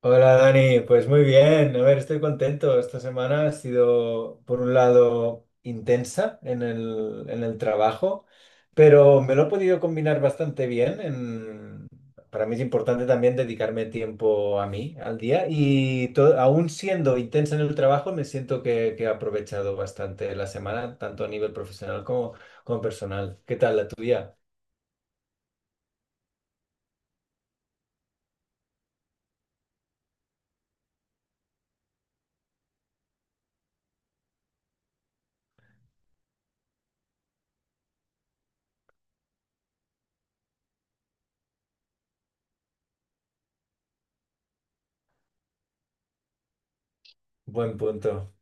Hola Dani, pues muy bien, a ver, estoy contento. Esta semana ha sido, por un lado, intensa en el trabajo, pero me lo he podido combinar bastante bien. Para mí es importante también dedicarme tiempo a mí, al día, y aún siendo intensa en el trabajo, me siento que he aprovechado bastante la semana, tanto a nivel profesional como, como personal. ¿Qué tal la tuya? Buen punto.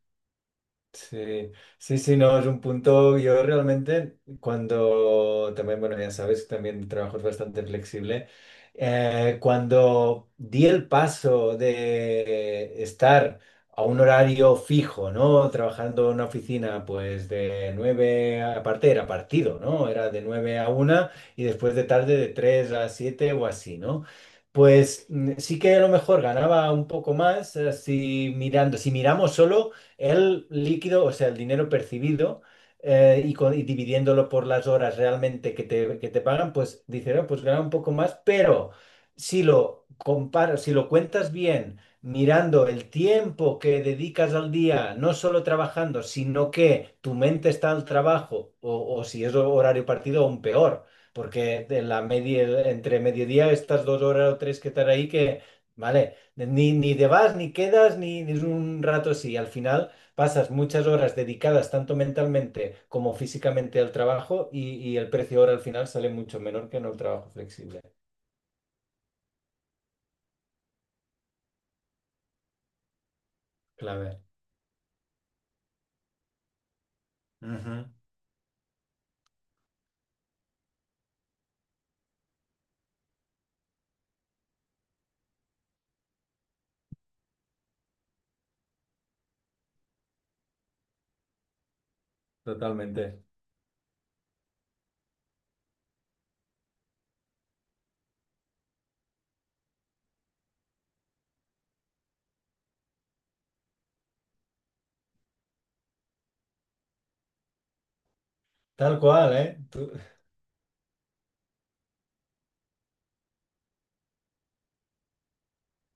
Sí, sí, sí, no, es un punto. Yo realmente, cuando también, bueno, ya sabes, también trabajo es bastante flexible. Cuando di el paso de estar a un horario fijo, ¿no? Trabajando en una oficina, pues de aparte era partido, ¿no? Era de nueve a una y después de tarde de 3 a 7 o así, ¿no? Pues sí que a lo mejor ganaba un poco más, si mirando, si miramos solo el líquido, o sea, el dinero percibido, y dividiéndolo por las horas realmente que te pagan, pues dice, "Ah, pues gana un poco más, pero si lo comparas, si lo cuentas bien, mirando el tiempo que dedicas al día, no solo trabajando, sino que tu mente está al trabajo, o si es horario partido, aún peor. Porque de la media, entre mediodía, estas dos horas o tres que están ahí, que, vale, ni te vas, ni quedas, ni es un rato así. Al final, pasas muchas horas dedicadas tanto mentalmente como físicamente al trabajo y el precio ahora al final sale mucho menor que en el trabajo flexible. Clave. Ujú. Totalmente. Tal cual, ¿eh?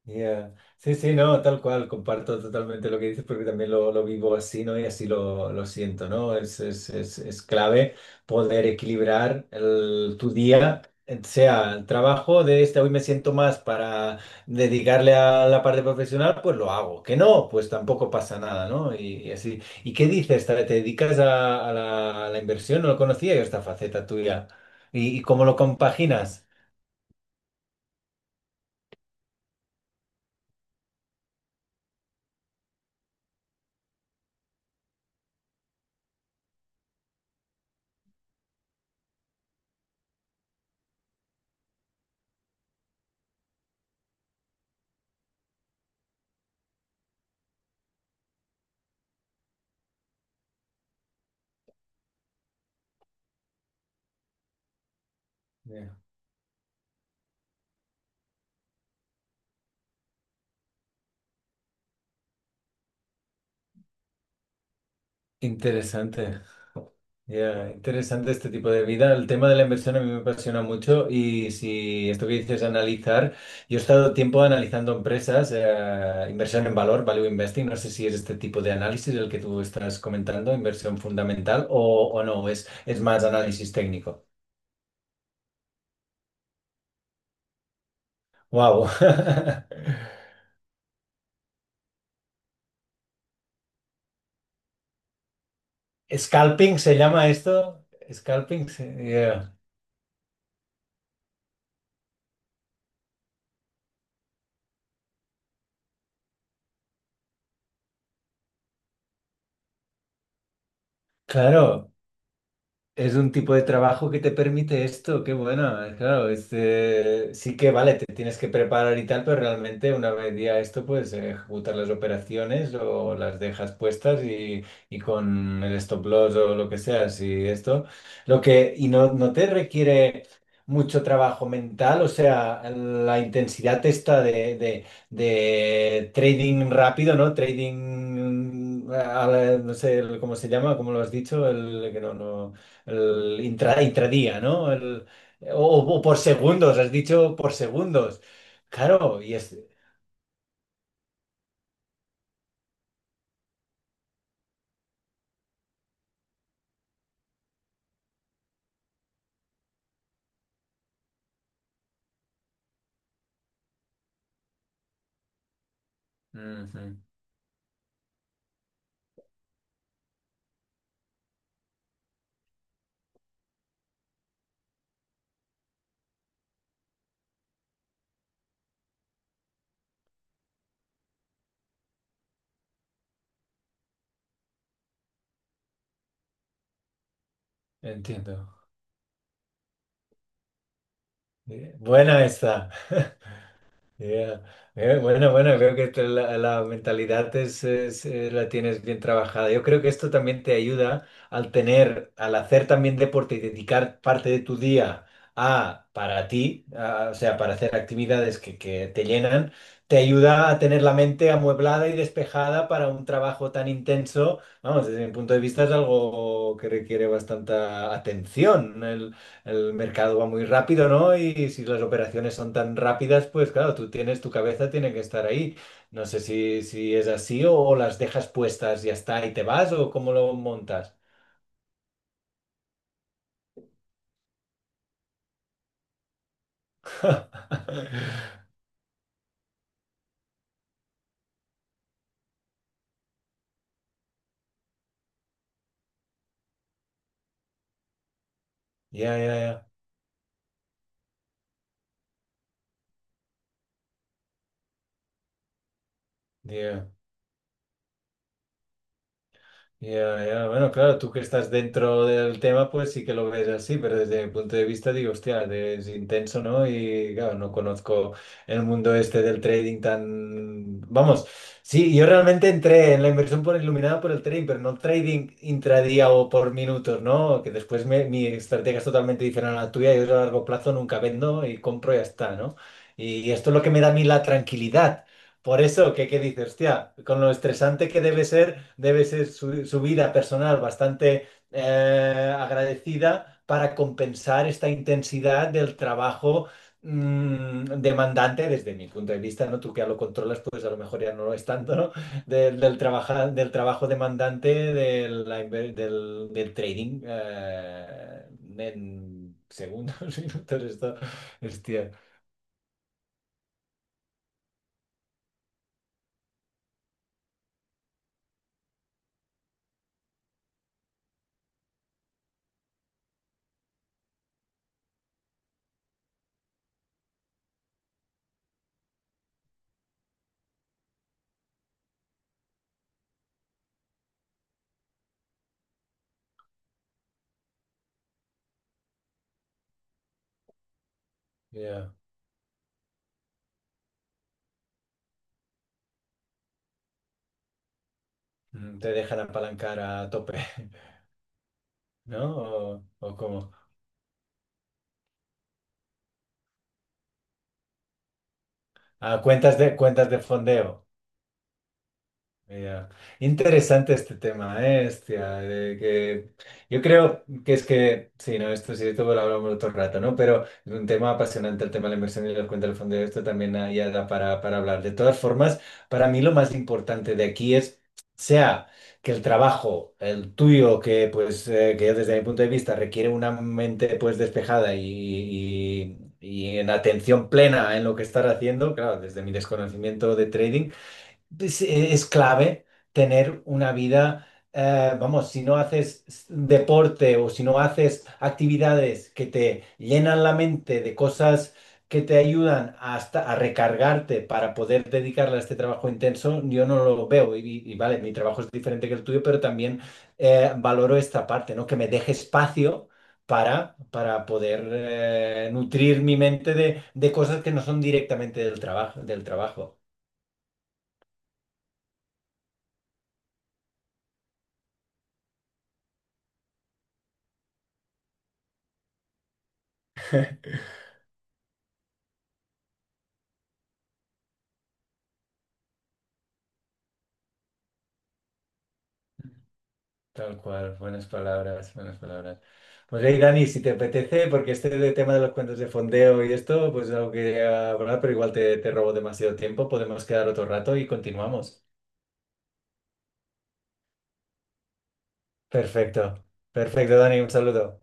Ya. Sí, sí, no, tal cual, comparto totalmente lo que dices porque también lo vivo así, ¿no? Y así lo siento, ¿no? Es clave poder equilibrar tu día, sea el trabajo de este, hoy me siento más para dedicarle a la parte profesional, pues lo hago. Que no, pues tampoco pasa nada, ¿no? Y así. ¿Y qué dices? ¿Te dedicas a la inversión? No lo conocía yo esta faceta tuya. Y cómo lo compaginas? Interesante. Ya, interesante este tipo de vida. El tema de la inversión a mí me apasiona mucho y si esto que dices analizar, yo he estado tiempo analizando empresas, inversión en valor, value investing, no sé si es este tipo de análisis el que tú estás comentando, inversión fundamental o no, es más análisis técnico. Wow. Scalping se llama esto. Scalping, yeah. Claro. Es un tipo de trabajo que te permite esto, qué bueno, claro, este, sí que vale, te tienes que preparar y tal, pero realmente una vez ya esto, pues ejecutar las operaciones o las dejas puestas y con el stop loss o lo que sea, y esto, lo que, y no, no te requiere mucho trabajo mental, o sea, la intensidad esta de trading rápido, ¿no? Trading, a no sé cómo se llama, como lo has dicho, el que no, no el intradía, ¿no? O, o por segundos, has dicho por segundos. Claro, y es... Ujú, entiendo. Buena esta. Ya. Bueno, bueno, creo que la mentalidad es, la tienes bien trabajada. Yo creo que esto también te ayuda al tener, al hacer también deporte y dedicar parte de tu día a para ti, o sea, para hacer actividades que te llenan, te ayuda a tener la mente amueblada y despejada para un trabajo tan intenso. Vamos, desde mi punto de vista es algo que requiere bastante atención, el mercado va muy rápido, ¿no? Y si las operaciones son tan rápidas, pues claro, tú tienes, tu cabeza tiene que estar ahí. No sé si, si es así o las dejas puestas, ya está, y te vas o cómo lo montas. Ya, ya, ya. Ya. Ya, ya. Bueno, claro, tú que estás dentro del tema, pues sí que lo ves así, pero desde mi punto de vista digo, hostia, es intenso, ¿no? Y claro, no conozco el mundo este del trading tan... Vamos, sí, yo realmente entré en la inversión por iluminada por el trading, pero no trading intradía o por minutos, ¿no? Que después mi estrategia es totalmente diferente a la tuya, yo a largo plazo nunca vendo y compro y ya está, ¿no? Y esto es lo que me da a mí la tranquilidad. Por eso, qué dices, hostia, con lo estresante que debe ser su vida personal bastante agradecida para compensar esta intensidad del trabajo demandante, desde mi punto de vista, ¿no? Tú que ya lo controlas, pues a lo mejor ya no lo es tanto, ¿no? Del trabajo demandante de la inver- del, del trading en segundos, minutos, esto, hostia, ya, mm, te dejan apalancar a tope. ¿No? O como, ah, cuentas de fondeo. Ya. Interesante este tema, ¿eh? Hostia, de que yo creo que es que, sí, no, esto sí, esto lo hablamos otro rato, ¿no? Pero es un tema apasionante el tema de la inversión y la cuenta del fondo, esto también ah, ya da para hablar. De todas formas, para mí lo más importante de aquí es, sea que el trabajo, el tuyo, que pues, que desde mi punto de vista requiere una mente pues despejada y en atención plena en lo que estar haciendo, claro, desde mi desconocimiento de trading pues, es clave tener una vida, vamos, si no haces deporte o si no haces actividades que te llenan la mente de cosas que te ayudan hasta a recargarte para poder dedicarle a este trabajo intenso, yo no lo veo. Y, y vale, mi trabajo es diferente que el tuyo, pero también valoro esta parte, ¿no? Que me deje espacio. Para poder nutrir mi mente de cosas que no son directamente del trabajo, del trabajo. Tal cual, buenas palabras, buenas palabras. Pues hey, Dani, si te apetece, porque este de tema de los cuentos de fondeo y esto, pues es algo que quería hablar, pero igual te robo demasiado tiempo, podemos quedar otro rato y continuamos. Perfecto, perfecto, Dani, un saludo.